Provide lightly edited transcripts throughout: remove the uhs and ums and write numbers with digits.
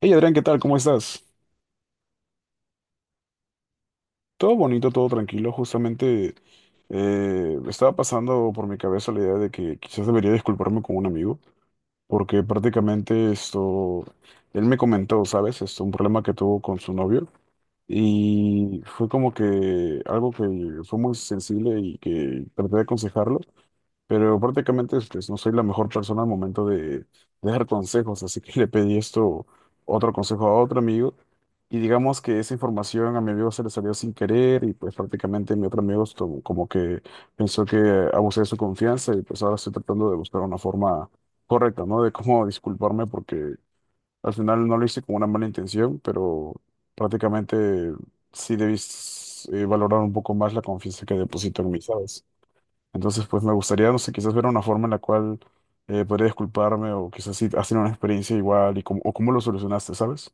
Hey Adrián, ¿qué tal? ¿Cómo estás? Todo bonito, todo tranquilo. Justamente estaba pasando por mi cabeza la idea de que quizás debería disculparme con un amigo, porque prácticamente esto, él me comentó, ¿sabes? Esto, un problema que tuvo con su novio y fue como que algo que fue muy sensible y que traté de aconsejarlo. Pero prácticamente pues, no soy la mejor persona al momento de dar consejos, así que le pedí esto, otro consejo a otro amigo, y digamos que esa información a mi amigo se le salió sin querer, y pues prácticamente mi otro amigo estuvo como que pensó que abusé de su confianza, y pues ahora estoy tratando de buscar una forma correcta, ¿no? De cómo disculparme, porque al final no lo hice con una mala intención, pero prácticamente sí debí, valorar un poco más la confianza que deposito en mí, ¿sabes? Entonces, pues me gustaría, no sé, quizás ver una forma en la cual podría disculparme, o quizás si has tenido una experiencia igual y cómo, o cómo lo solucionaste, ¿sabes?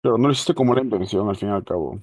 Pero no lo hiciste como la intención al fin y al cabo.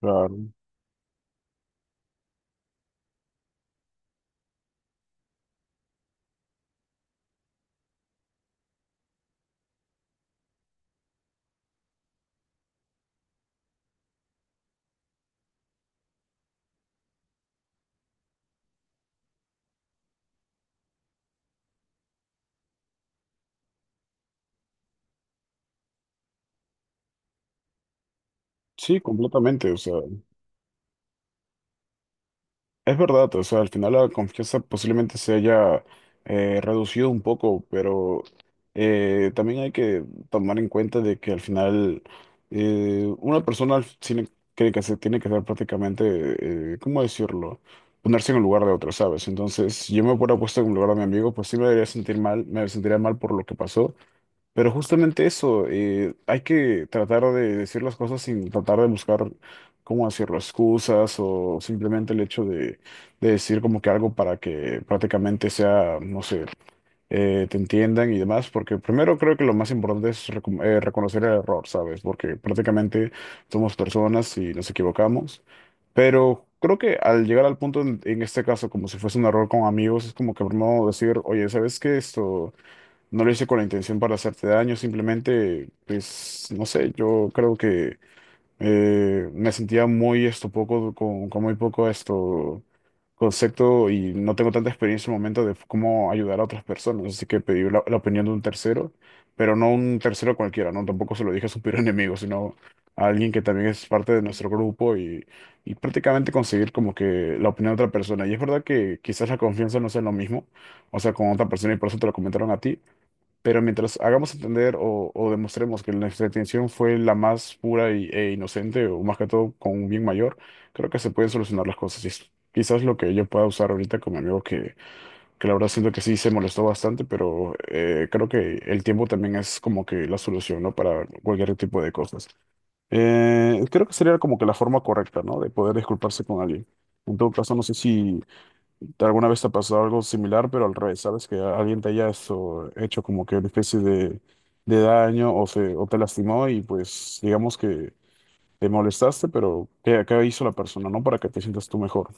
Claro. Sí, completamente, o sea. Es verdad, o sea, al final la confianza posiblemente se haya reducido un poco, pero también hay que tomar en cuenta de que al final, una persona tiene que, se tiene que ser prácticamente, ¿cómo decirlo? Ponerse en el lugar de otro, ¿sabes? Entonces, si yo me hubiera puesto en el lugar de mi amigo, pues sí me debería sentir mal, me sentiría mal por lo que pasó, pero justamente eso, hay que tratar de decir las cosas sin tratar de buscar cómo decirlo, excusas o simplemente el hecho de decir como que algo para que prácticamente sea, no sé, te entiendan y demás, porque primero creo que lo más importante es reconocer el error, ¿sabes? Porque prácticamente somos personas y nos equivocamos, pero creo que al llegar al punto, en este caso, como si fuese un error con amigos, es como que primero decir, oye, ¿sabes qué esto? No lo hice con la intención para hacerte daño, simplemente, pues, no sé, yo creo que me sentía muy esto poco, con muy poco esto concepto, y no tengo tanta experiencia en el momento de cómo ayudar a otras personas, así que pedí la opinión de un tercero, pero no un tercero cualquiera, ¿no? Tampoco se lo dije a su peor enemigo, sino a alguien que también es parte de nuestro grupo, y prácticamente conseguir como que la opinión de otra persona. Y es verdad que quizás la confianza no sea lo mismo, o sea, con otra persona y por eso te lo comentaron a ti. Pero mientras hagamos entender o demostremos que nuestra intención fue la más pura y- e inocente, o más que todo con un bien mayor, creo que se pueden solucionar las cosas. Y es quizás lo que yo pueda usar ahorita con mi amigo, que la verdad siento que sí se molestó bastante, pero creo que el tiempo también es como que la solución, ¿no? Para cualquier tipo de cosas. Creo que sería como que la forma correcta, ¿no? De poder disculparse con alguien. En todo caso, no sé si, ¿alguna vez te ha pasado algo similar, pero al revés? ¿Sabes? Que alguien te haya hecho como que una especie de daño, o, se, o te lastimó y pues digamos que te molestaste, pero ¿qué, qué hizo la persona, no? Para que te sientas tú mejor.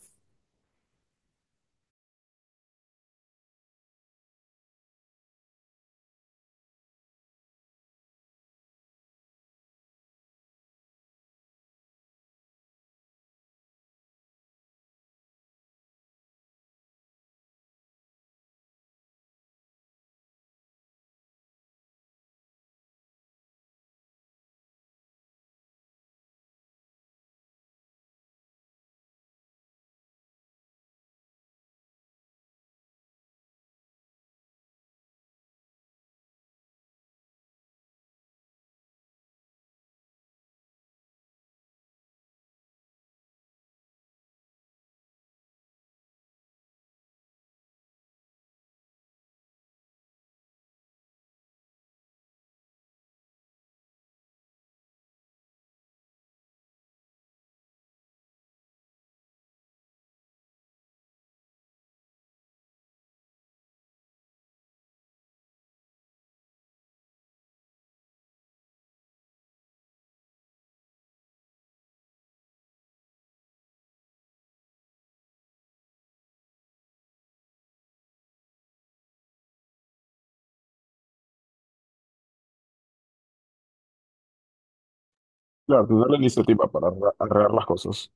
Claro, tener la iniciativa para arreglar las cosas.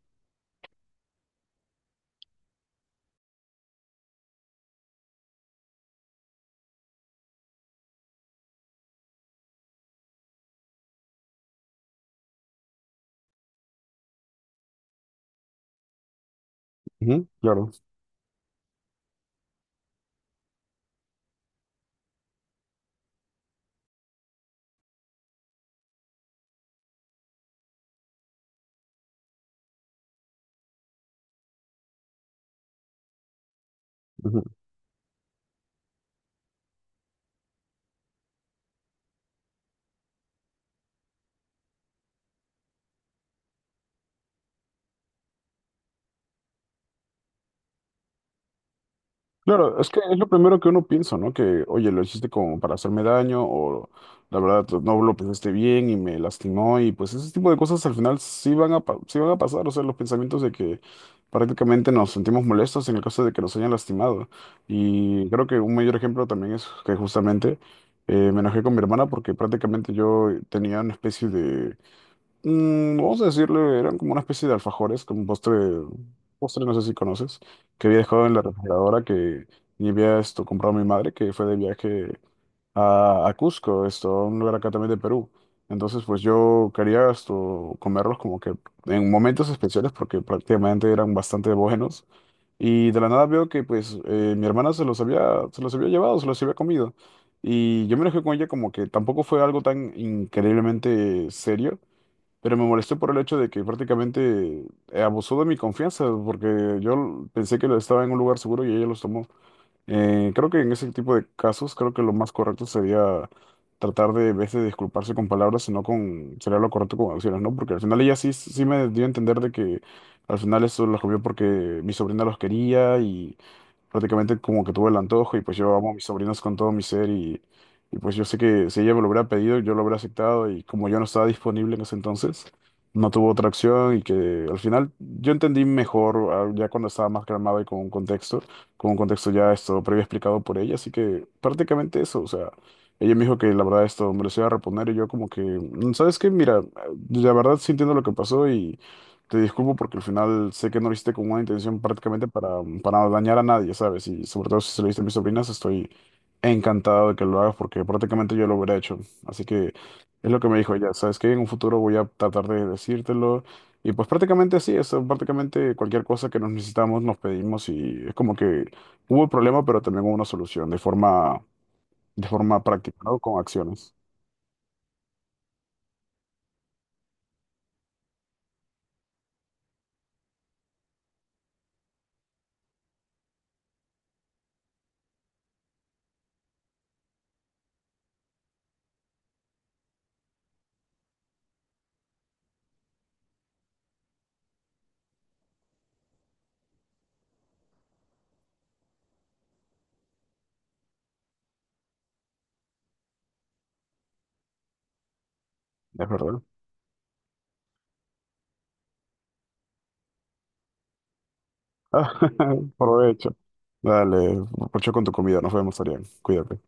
Ujú, claro. Ujú. Claro, es que es lo primero que uno piensa, ¿no? Que, oye, lo hiciste como para hacerme daño, o la verdad no lo pensaste bien y me lastimó, y pues ese tipo de cosas al final sí van a, sí van a pasar, o sea, los pensamientos de que prácticamente nos sentimos molestos en el caso de que nos hayan lastimado. Y creo que un mayor ejemplo también es que justamente me enojé con mi hermana porque prácticamente yo tenía una especie de... Mm, vamos a decirle, eran como una especie de alfajores, como postre, postre no sé si conoces, que había dejado en la refrigeradora, que y había esto comprado mi madre, que fue de viaje a Cusco, esto, a un lugar acá también de Perú. Entonces, pues yo quería esto, comerlos como que en momentos especiales porque prácticamente eran bastante buenos. Y de la nada veo que pues mi hermana se los había llevado, se los había comido. Y yo me enojé con ella, como que tampoco fue algo tan increíblemente serio. Pero me molestó por el hecho de que prácticamente abusó de mi confianza, porque yo pensé que lo estaba en un lugar seguro y ella los tomó. Creo que en ese tipo de casos, creo que lo más correcto sería tratar de, en vez de disculparse con palabras, sino con, sería lo correcto con acciones, ¿no? Porque al final ella sí me dio a entender de que al final eso los comió porque mi sobrina los quería, prácticamente como que tuve el antojo, y pues yo amo a mis sobrinos con todo mi ser, y pues yo sé que si ella me lo hubiera pedido, yo lo hubiera aceptado, y como yo no estaba disponible en ese entonces, no tuvo otra opción, y que al final yo entendí mejor ah, ya cuando estaba más calmado y con un contexto ya esto previo explicado por ella, así que prácticamente eso, o sea, ella me dijo que la verdad esto me lo iba a reponer, y yo como que, "Mm, ¿sabes qué? Mira, la verdad sí entiendo lo que pasó y... Te disculpo porque al final sé que no lo hiciste con una intención prácticamente para dañar a nadie, ¿sabes? Y sobre todo si se lo diste a mis sobrinas, estoy encantado de que lo hagas porque prácticamente yo lo hubiera hecho. Así que es lo que me dijo ella, ¿sabes qué? En un futuro voy a tratar de decírtelo. Y pues prácticamente así, es prácticamente cualquier cosa que nos necesitamos, nos pedimos, y es como que hubo un problema, pero también hubo una solución de forma práctica, ¿no? Con acciones, es verdad. Provecho. Dale, provecho con tu comida, nos vemos, Arián, cuídate.